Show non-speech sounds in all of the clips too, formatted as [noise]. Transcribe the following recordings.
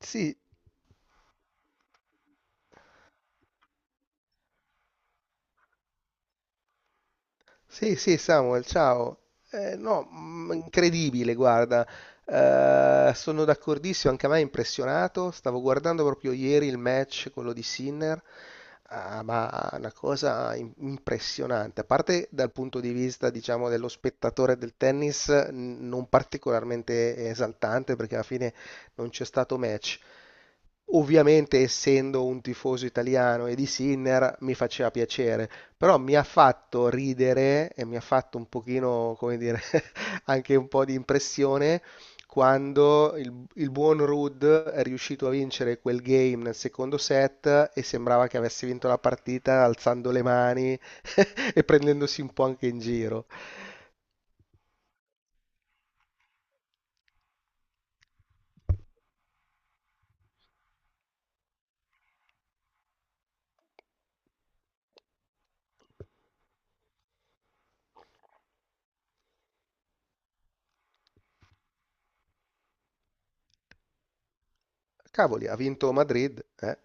Sì, sì, Samuel, ciao. No, incredibile, guarda. Sono d'accordissimo, anche a me è impressionato. Stavo guardando proprio ieri il match, quello di Sinner. Ah, ma una cosa impressionante. A parte dal punto di vista, diciamo, dello spettatore del tennis, non particolarmente esaltante, perché alla fine non c'è stato match. Ovviamente, essendo un tifoso italiano e di Sinner, mi faceva piacere. Però mi ha fatto ridere e mi ha fatto un pochino, come dire, [laughs] anche un po' di impressione quando il buon Rudd è riuscito a vincere quel game nel secondo set e sembrava che avesse vinto la partita alzando le mani [laughs] e prendendosi un po' anche in giro. Cavoli, ha vinto Madrid, eh?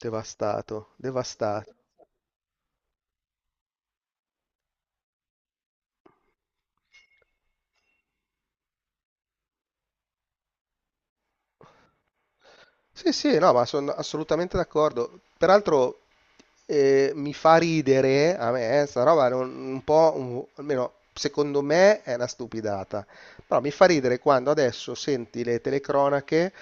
Devastato, devastato. Sì, sì, no, ma sono assolutamente d'accordo. Peraltro mi fa ridere a me, sta roba è un po', almeno secondo me è una stupidata, però mi fa ridere quando adesso senti le telecronache,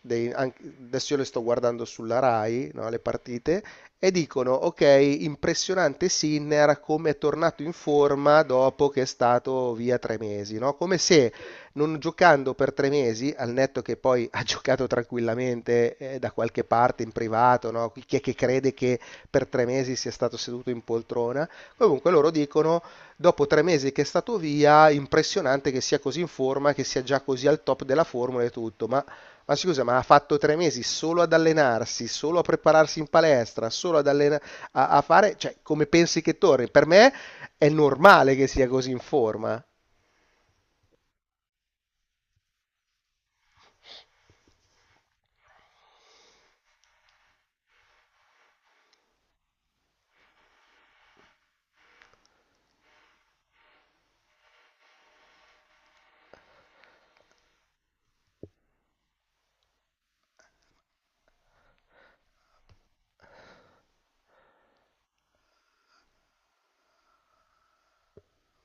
adesso io le sto guardando sulla Rai, no, le partite, e dicono, ok, impressionante Sinner come è tornato in forma dopo che è stato via tre mesi, no? Come se non giocando per tre mesi, al netto che poi [laughs] ha giocato tranquillamente da qualche parte in privato, no? Chi è che crede che per tre mesi sia stato seduto in poltrona? Comunque loro dicono, dopo tre mesi che è stato via, impressionante che sia così in forma, che sia già così al top della formula e tutto, ma... Ma scusa, ma ha fatto tre mesi solo ad allenarsi, solo a prepararsi in palestra, solo ad allenare, a fare, cioè, come pensi che torni? Per me è normale che sia così in forma.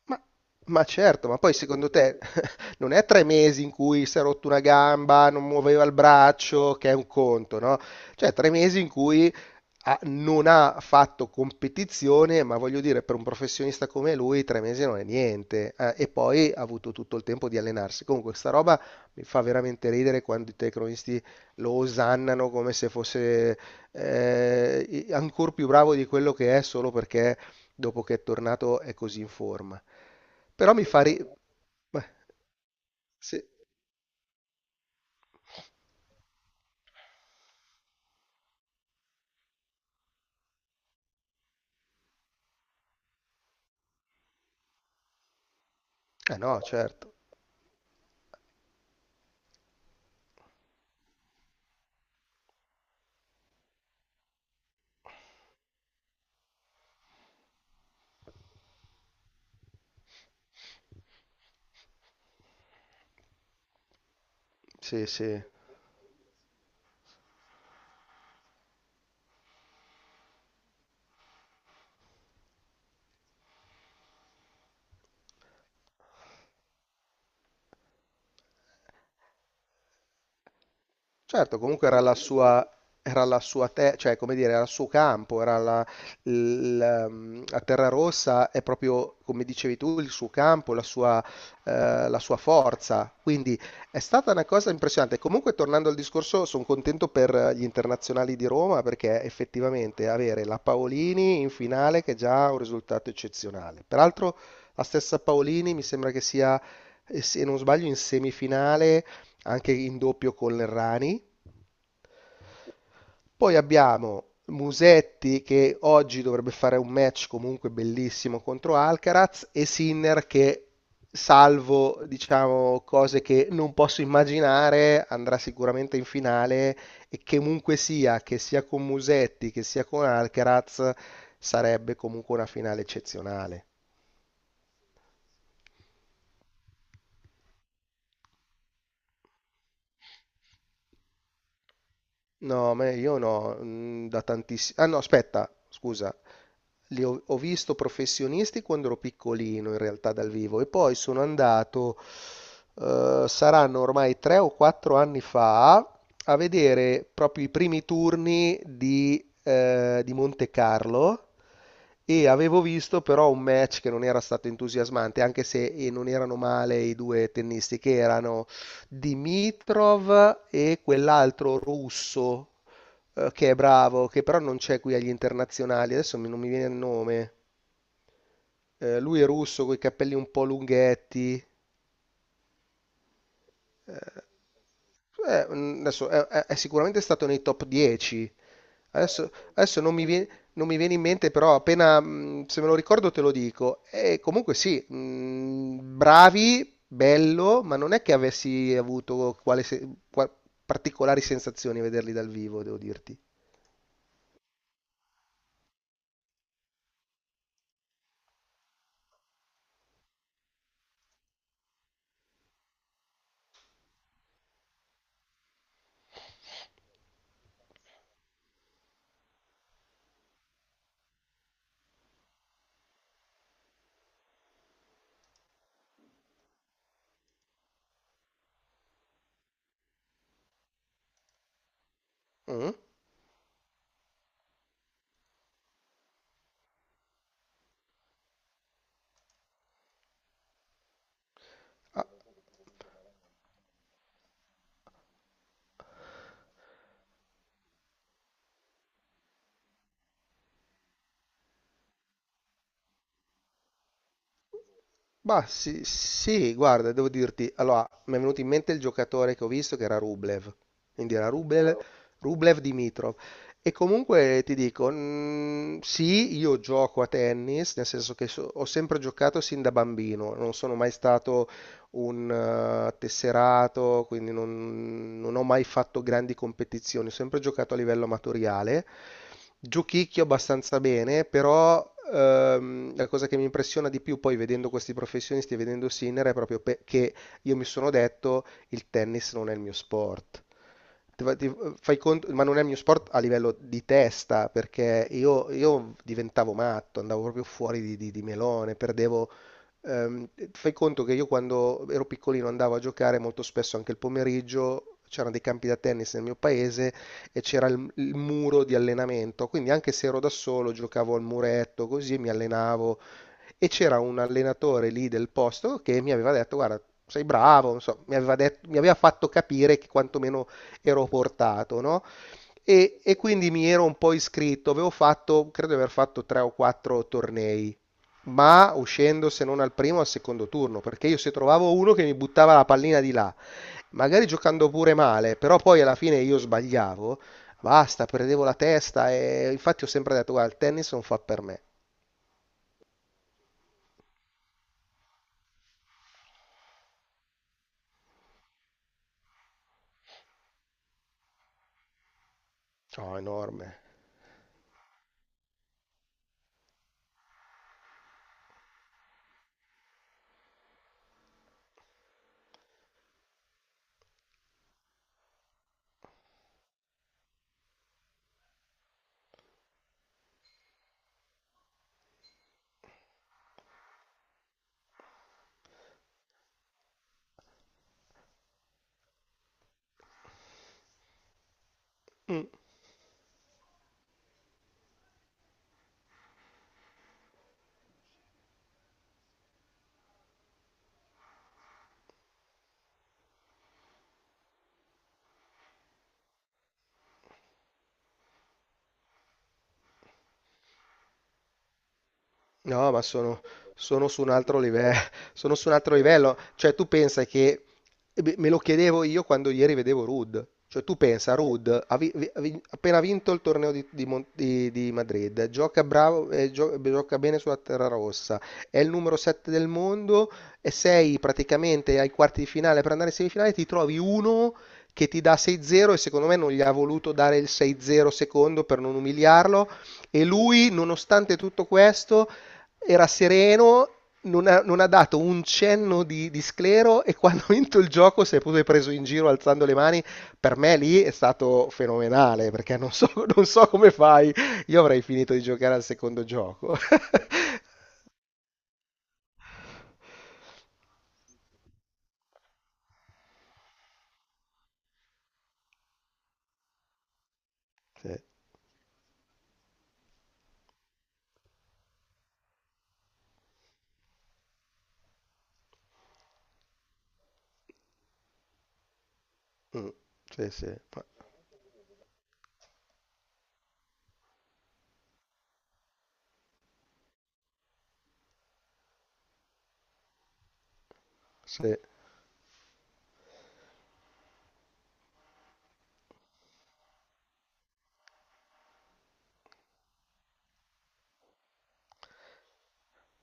Ma ma certo, ma poi secondo te [laughs] non è tre mesi in cui si è rotto una gamba, non muoveva il braccio, che è un conto, no? Cioè tre mesi in cui non ha fatto competizione, ma voglio dire, per un professionista come lui, tre mesi non è niente. E poi ha avuto tutto il tempo di allenarsi. Comunque, sta roba mi fa veramente ridere quando i telecronisti lo osannano come se fosse ancora più bravo di quello che è solo perché dopo che è tornato è così in forma. Però mi fa ri... Beh, sì, eh no, certo, sì, sì. Certo, comunque era la sua, cioè, come dire, era il suo campo, la terra rossa è proprio, come dicevi tu, il suo campo, la sua forza. Quindi è stata una cosa impressionante. Comunque, tornando al discorso, sono contento per gli internazionali di Roma perché effettivamente avere la Paolini in finale che è già un risultato eccezionale. Peraltro, la stessa Paolini mi sembra, se non sbaglio, in semifinale anche in doppio con l'Errani. Poi abbiamo Musetti che oggi dovrebbe fare un match comunque bellissimo contro Alcaraz e Sinner che, salvo diciamo cose che non posso immaginare, andrà sicuramente in finale e che comunque sia, che sia con Musetti che sia con Alcaraz, sarebbe comunque una finale eccezionale. No, me io no, mm, da tantissimi... Ah no, aspetta, scusa, ho visto professionisti quando ero piccolino in realtà dal vivo e poi sono andato, saranno ormai tre o quattro anni fa, a vedere proprio i primi turni di Monte Carlo e avevo visto però un match che non era stato entusiasmante, anche se non erano male i due tennisti che erano Dimitrov e quell'altro russo che è bravo, che però non c'è qui agli internazionali, non mi viene il nome. Lui è russo con i capelli un po' lunghetti. Eh, adesso è sicuramente stato nei top 10. Adesso non mi viene, non mi viene in mente, però appena se me lo ricordo te lo dico. E comunque sì, bravi, bello, ma non è che avessi avuto quale se- qua- particolari sensazioni a vederli dal vivo, devo dirti. Mm? Ah, bah, sì, sì, guarda, devo dirti, allora, mi è venuto in mente il giocatore che ho visto che era Rublev, quindi era Rublev, Rublev Dimitrov. E comunque ti dico, sì, io gioco a tennis, nel senso che ho sempre giocato sin da bambino, non sono mai stato un tesserato, quindi non ho mai fatto grandi competizioni, ho sempre giocato a livello amatoriale. Giochicchio abbastanza bene, però la cosa che mi impressiona di più poi vedendo questi professionisti e vedendo Sinner è proprio che io mi sono detto il tennis non è il mio sport. Ti fai conto, ma non è il mio sport a livello di testa, perché io diventavo matto, andavo proprio fuori di melone, perdevo. Fai conto che io quando ero piccolino andavo a giocare molto spesso anche il pomeriggio, c'erano dei campi da tennis nel mio paese e c'era il muro di allenamento, quindi anche se ero da solo giocavo al muretto così mi allenavo e c'era un allenatore lì del posto che mi aveva detto, guarda, sei bravo, non so, mi aveva fatto capire che quantomeno ero portato, no? E quindi mi ero un po' iscritto, avevo fatto, credo di aver fatto tre o quattro tornei, ma uscendo se non al primo al secondo turno, perché io se trovavo uno che mi buttava la pallina di là, magari giocando pure male, però poi alla fine io sbagliavo, basta, perdevo la testa e infatti ho sempre detto, guarda, il tennis non fa per me. No, enorme. Mm. No, ma sono su un altro livello, [laughs] sono su un altro livello. Cioè, tu pensa che eh beh, me lo chiedevo io quando ieri vedevo Ruud. Cioè, tu pensa, Ruud ha vi- vi- ha vin- appena vinto il torneo di Madrid, gioca bravo, gioca bene sulla terra rossa, è il numero 7 del mondo e sei praticamente ai quarti di finale per andare in semifinale, ti trovi uno che ti dà 6-0 e secondo me non gli ha voluto dare il 6-0 secondo per non umiliarlo e lui, nonostante tutto questo era sereno, non ha dato un cenno di sclero e quando ha vinto il gioco si è pure preso in giro alzando le mani. Per me lì è stato fenomenale perché non so, [laughs] non so come fai. Io avrei finito di giocare al secondo gioco. [laughs] Sì, mm, sì, sì, ma- sì.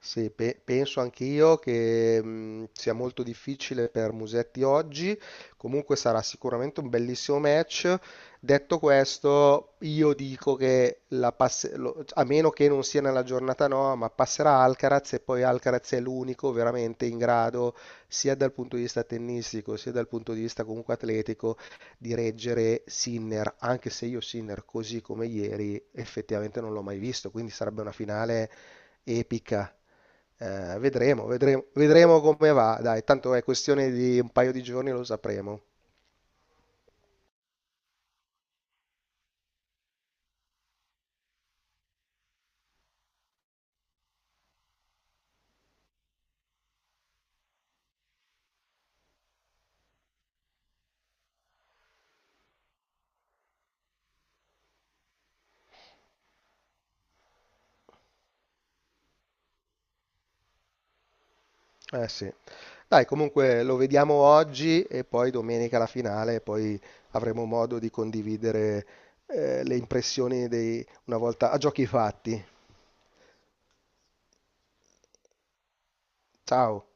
Sì, penso anch'io che sia molto difficile per Musetti oggi, comunque sarà sicuramente un bellissimo match. Detto questo, io dico che a meno che non sia nella giornata no, ma passerà Alcaraz e poi Alcaraz è l'unico veramente in grado, sia dal punto di vista tennistico, sia dal punto di vista comunque atletico, di reggere Sinner, anche se io Sinner così come ieri effettivamente non l'ho mai visto, quindi sarebbe una finale epica. Vedremo, vedremo, vedremo come va. Dai, tanto è questione di un paio di giorni, lo sapremo. Eh sì. Dai, comunque lo vediamo oggi e poi domenica la finale, e poi avremo modo di condividere le impressioni una volta a giochi fatti. Ciao.